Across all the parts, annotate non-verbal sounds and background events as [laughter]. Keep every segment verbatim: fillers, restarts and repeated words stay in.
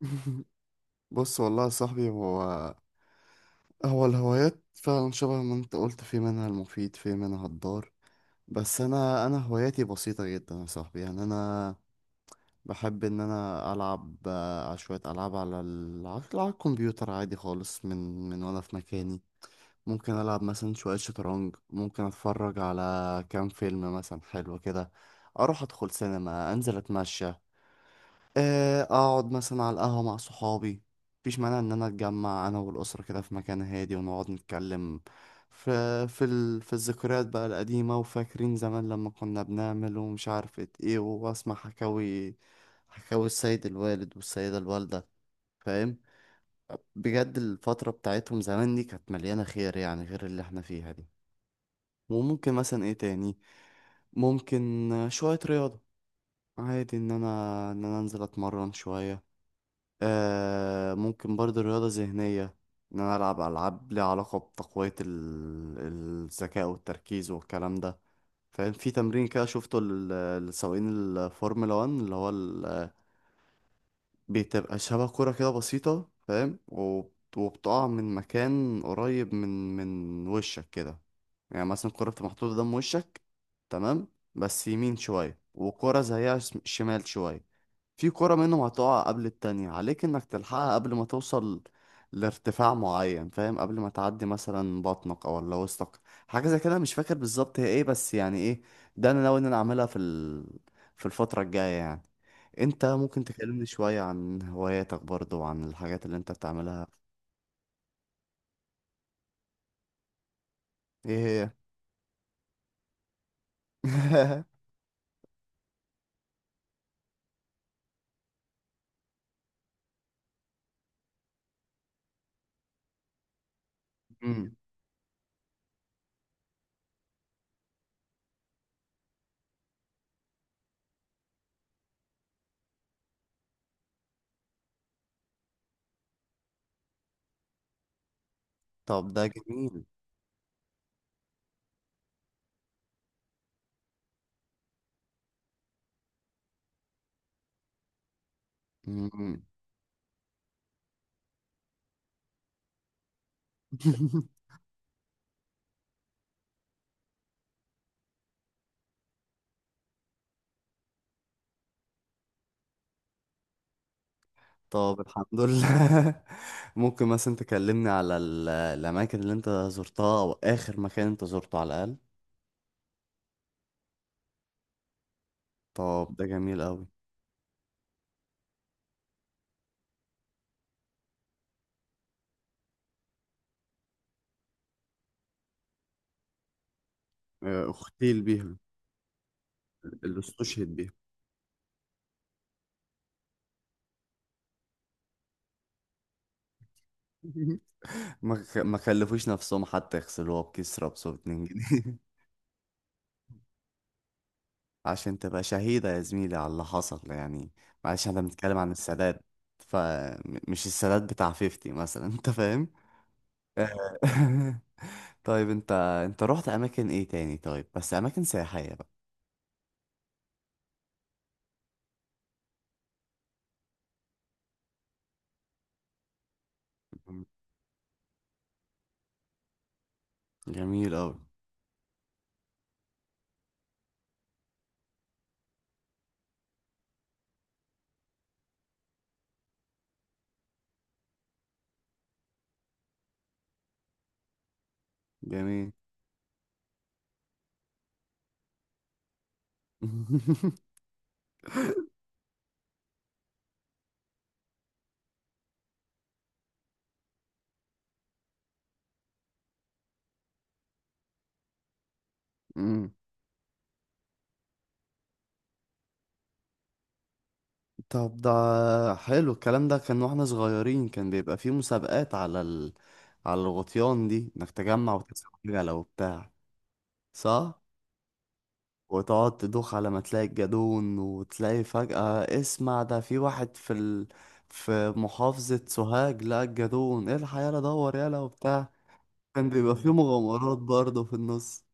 [laughs] بص والله يا صاحبي هو هو الهوايات فعلا شبه ما انت قلت، في منها المفيد في منها الضار. بس انا انا هواياتي بسيطة جدا يا صاحبي، يعني انا بحب ان انا العب آه، على شوية العاب على ال- على الكمبيوتر عادي خالص، من من وانا في مكاني. ممكن العب مثلا شوية شطرنج، ممكن اتفرج على كام فيلم مثلا حلو كده، اروح ادخل سينما، انزل اتمشى، آه، اقعد مثلا على القهوة مع صحابي. مفيش مانع ان انا اتجمع انا والاسرة كده في مكان هادي ونقعد نتكلم في في ال... في الذكريات بقى القديمة، وفاكرين زمان لما كنا بنعمل ومش عارفة ايه، واسمع حكاوي حكاوي السيد الوالد والسيدة الوالدة، فاهم؟ بجد الفترة بتاعتهم زمان دي كانت مليانة خير، يعني غير اللي احنا فيها دي. وممكن مثلا ايه تاني، ممكن آه، شوية رياضة، عادي ان انا ان انا انزل اتمرن شوية. آه ممكن برضه رياضة ذهنية، إن أنا ألعب ألعاب ليها علاقة بتقوية ال- الذكاء والتركيز والكلام ده، فاهم؟ في تمرين كده شفته لل- لسواقين الفورمولا واحد، اللي هو ال- بتبقى شبه كرة كده بسيطة، فاهم؟ وب- وبتقع من مكان قريب من من وشك كده، يعني مثلا الكرة بتبقى محطوطة قدام وشك، تمام؟ بس يمين شوية، وكرة زيها شم- شمال شوية. في كرة منهم هتقع قبل التانية، عليك انك تلحقها قبل ما توصل لارتفاع معين، فاهم؟ قبل ما تعدي مثلا بطنك او ولا وسطك، حاجة زي كده. مش فاكر بالظبط هي ايه، بس يعني ايه، ده انا ناوي ان انا اعملها في ال... في الفترة الجاية يعني. انت ممكن تكلمني شوية عن هواياتك برضو، وعن الحاجات اللي انت بتعملها؟ ايه هي؟ [laughs] مم. طب ده جميل. مم. [laughs] طب الحمد لله. [laughs] ممكن مثلا تكلمني على ال- الأماكن اللي أنت زرتها، أو آخر مكان أنت زرته على الأقل؟ طب ده جميل أوي. آه، اغتيل بيها. اللي استشهد بيها. [laughs] ما خ- ما كلفوش نفسهم حتى يغسلوها بكسرة بصوت اتنين جنيه. [laughs] عشان تبقى شهيدة يا زميلي على اللي حصل يعني. معلش احنا بنتكلم عن السادات، فمش السادات بتاع خمسين مثلا، انت فاهم. آه. [laughs] طيب انت، انت رحت اماكن ايه تاني؟ طيب بس اماكن سياحية. مم. جميل أوي. جميل. [laughs] مم. طب ده حلو الكلام. ده كان واحنا صغيرين كان بيبقى فيه مسابقات على ال... على الغطيان دي، انك تجمع وتكسب عجلة وبتاع، صح؟ وتقعد تدوخ على ما تلاقي الجدون، وتلاقي فجأة، اسمع، ده في واحد في ال... في محافظة سوهاج لقى الجدون، الحق يلا دور يلا وبتاع. كان بيبقى فيه مغامرات برضه في النص.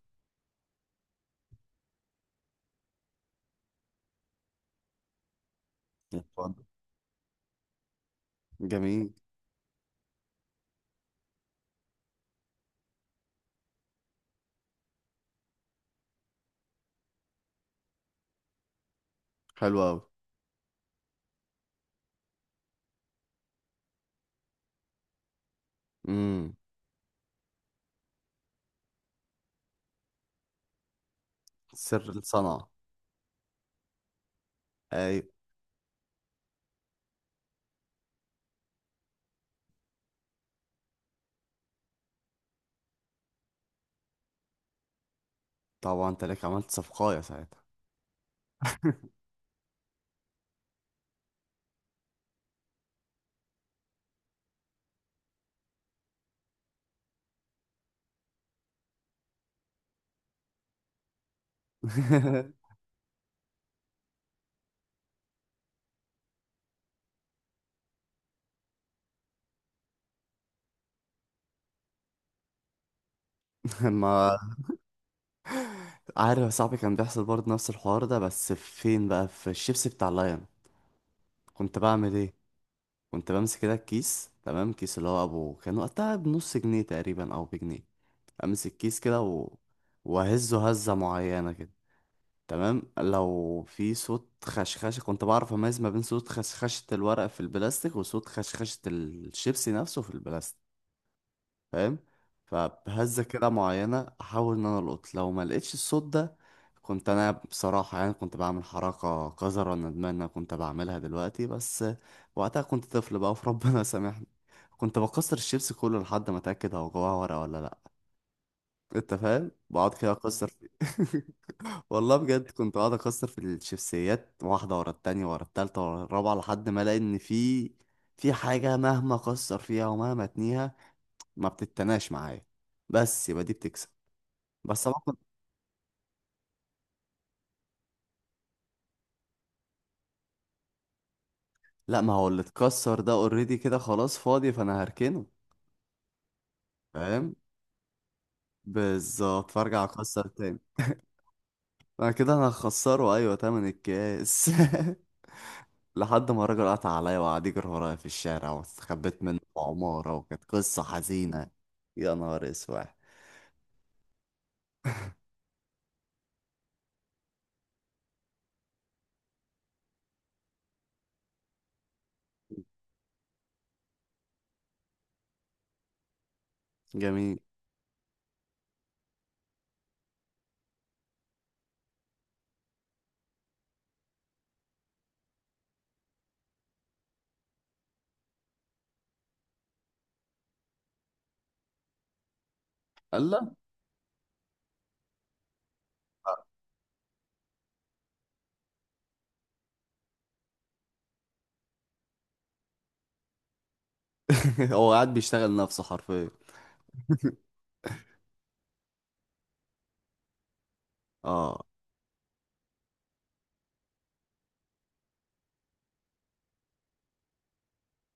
اتفضل. جميل. حلو أوي. سر الصنعة. اي. طبعا انت لك عملت صفقايه ساعتها. [laughs] ما عارف يا صاحبي، كان بيحصل برضه نفس الحوار ده، بس فين بقى؟ في الشيبسي بتاع لاين. كنت بعمل ايه؟ كنت بمسك كده الكيس، تمام؟ كيس اللي هو ابو كان وقتها بنص جنيه تقريبا او بجنيه، امسك كيس كده و... واهزه هزه معينه كده، تمام؟ لو في صوت خشخشه كنت بعرف اميز ما بين صوت خشخشه الورق في البلاستيك، وصوت خشخشه الشيبسي نفسه في البلاستيك، فاهم؟ فبهزة كده معينة أحاول إن أنا ألقط. لو ما لقيتش الصوت ده، كنت أنا بصراحة يعني كنت بعمل حركة قذرة، ندمان إن أنا كنت بعملها دلوقتي، بس وقتها كنت طفل بقى، فربنا [laughs] سامحني. كنت بكسر الشيبس كله لحد ما أتأكد هو جواه ورقة ولا لأ. أنت فاهم؟ بقعد كده أكسر فيه. [laughs] والله بجد كنت قاعد اكسر في الشيبسيات، واحده ورا التانية ورا التالتة ورا الرابعه، لحد ما الاقي ان في في حاجه مهما اكسر فيها ومهما اتنيها ما بتتناش معايا، بس يبقى دي بتكسب. بس طبعا لا، ما هو اللي اتكسر ده اوريدي كده خلاص فاضي، فانا هركنه. فاهم؟ بالظبط. فارجع اكسر تاني. انا كده انا هخسره ايوه تمن الكاس. [laughs] لحد ما الراجل قطع عليا وقعد يجري ورايا في الشارع، واستخبيت منه في عمارة، وكانت قصة حزينة. يا نهار اسود. جميل. الله. [laughs] هو قاعد بيشتغل نفسه حرفيا. اه.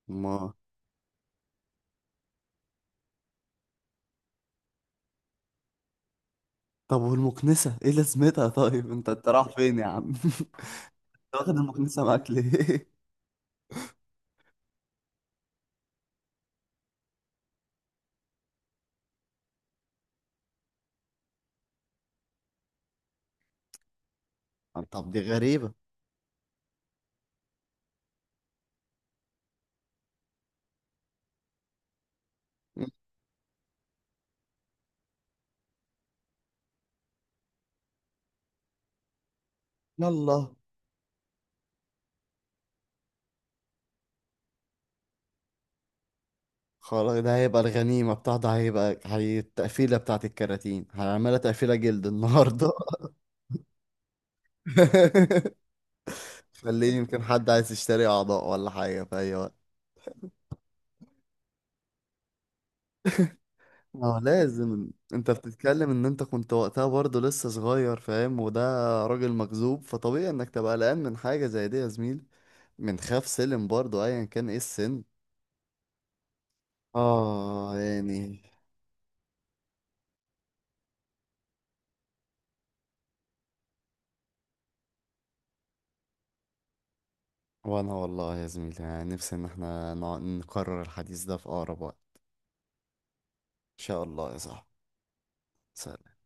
ما طب والمكنسة ايه لازمتها؟ طيب انت، انت رايح فين يا عم؟ [laughs] واخد المكنسة معاك ليه؟ [laughs] طب دي غريبة. يلا خلاص، ده هيبقى الغنيمة بتاعته، هيبقى هي التقفيلة بتاعت الكراتين، هنعملها تقفيلة جلد النهاردة. [laughs] خليه، يمكن حد عايز يشتري أعضاء ولا حاجة في أي وقت. اه لازم، انت بتتكلم ان انت كنت وقتها برضه لسه صغير، فاهم؟ وده راجل مجذوب، فطبيعي انك تبقى قلقان من حاجة زي دي يا زميلي. من خاف سلم برضه ايا كان ايه السن. اه يعني. وانا والله يا زميلي يعني نفسي ان احنا نع- نكرر الحديث ده في اقرب وقت. ان شاء الله يا صاحبي. سلام.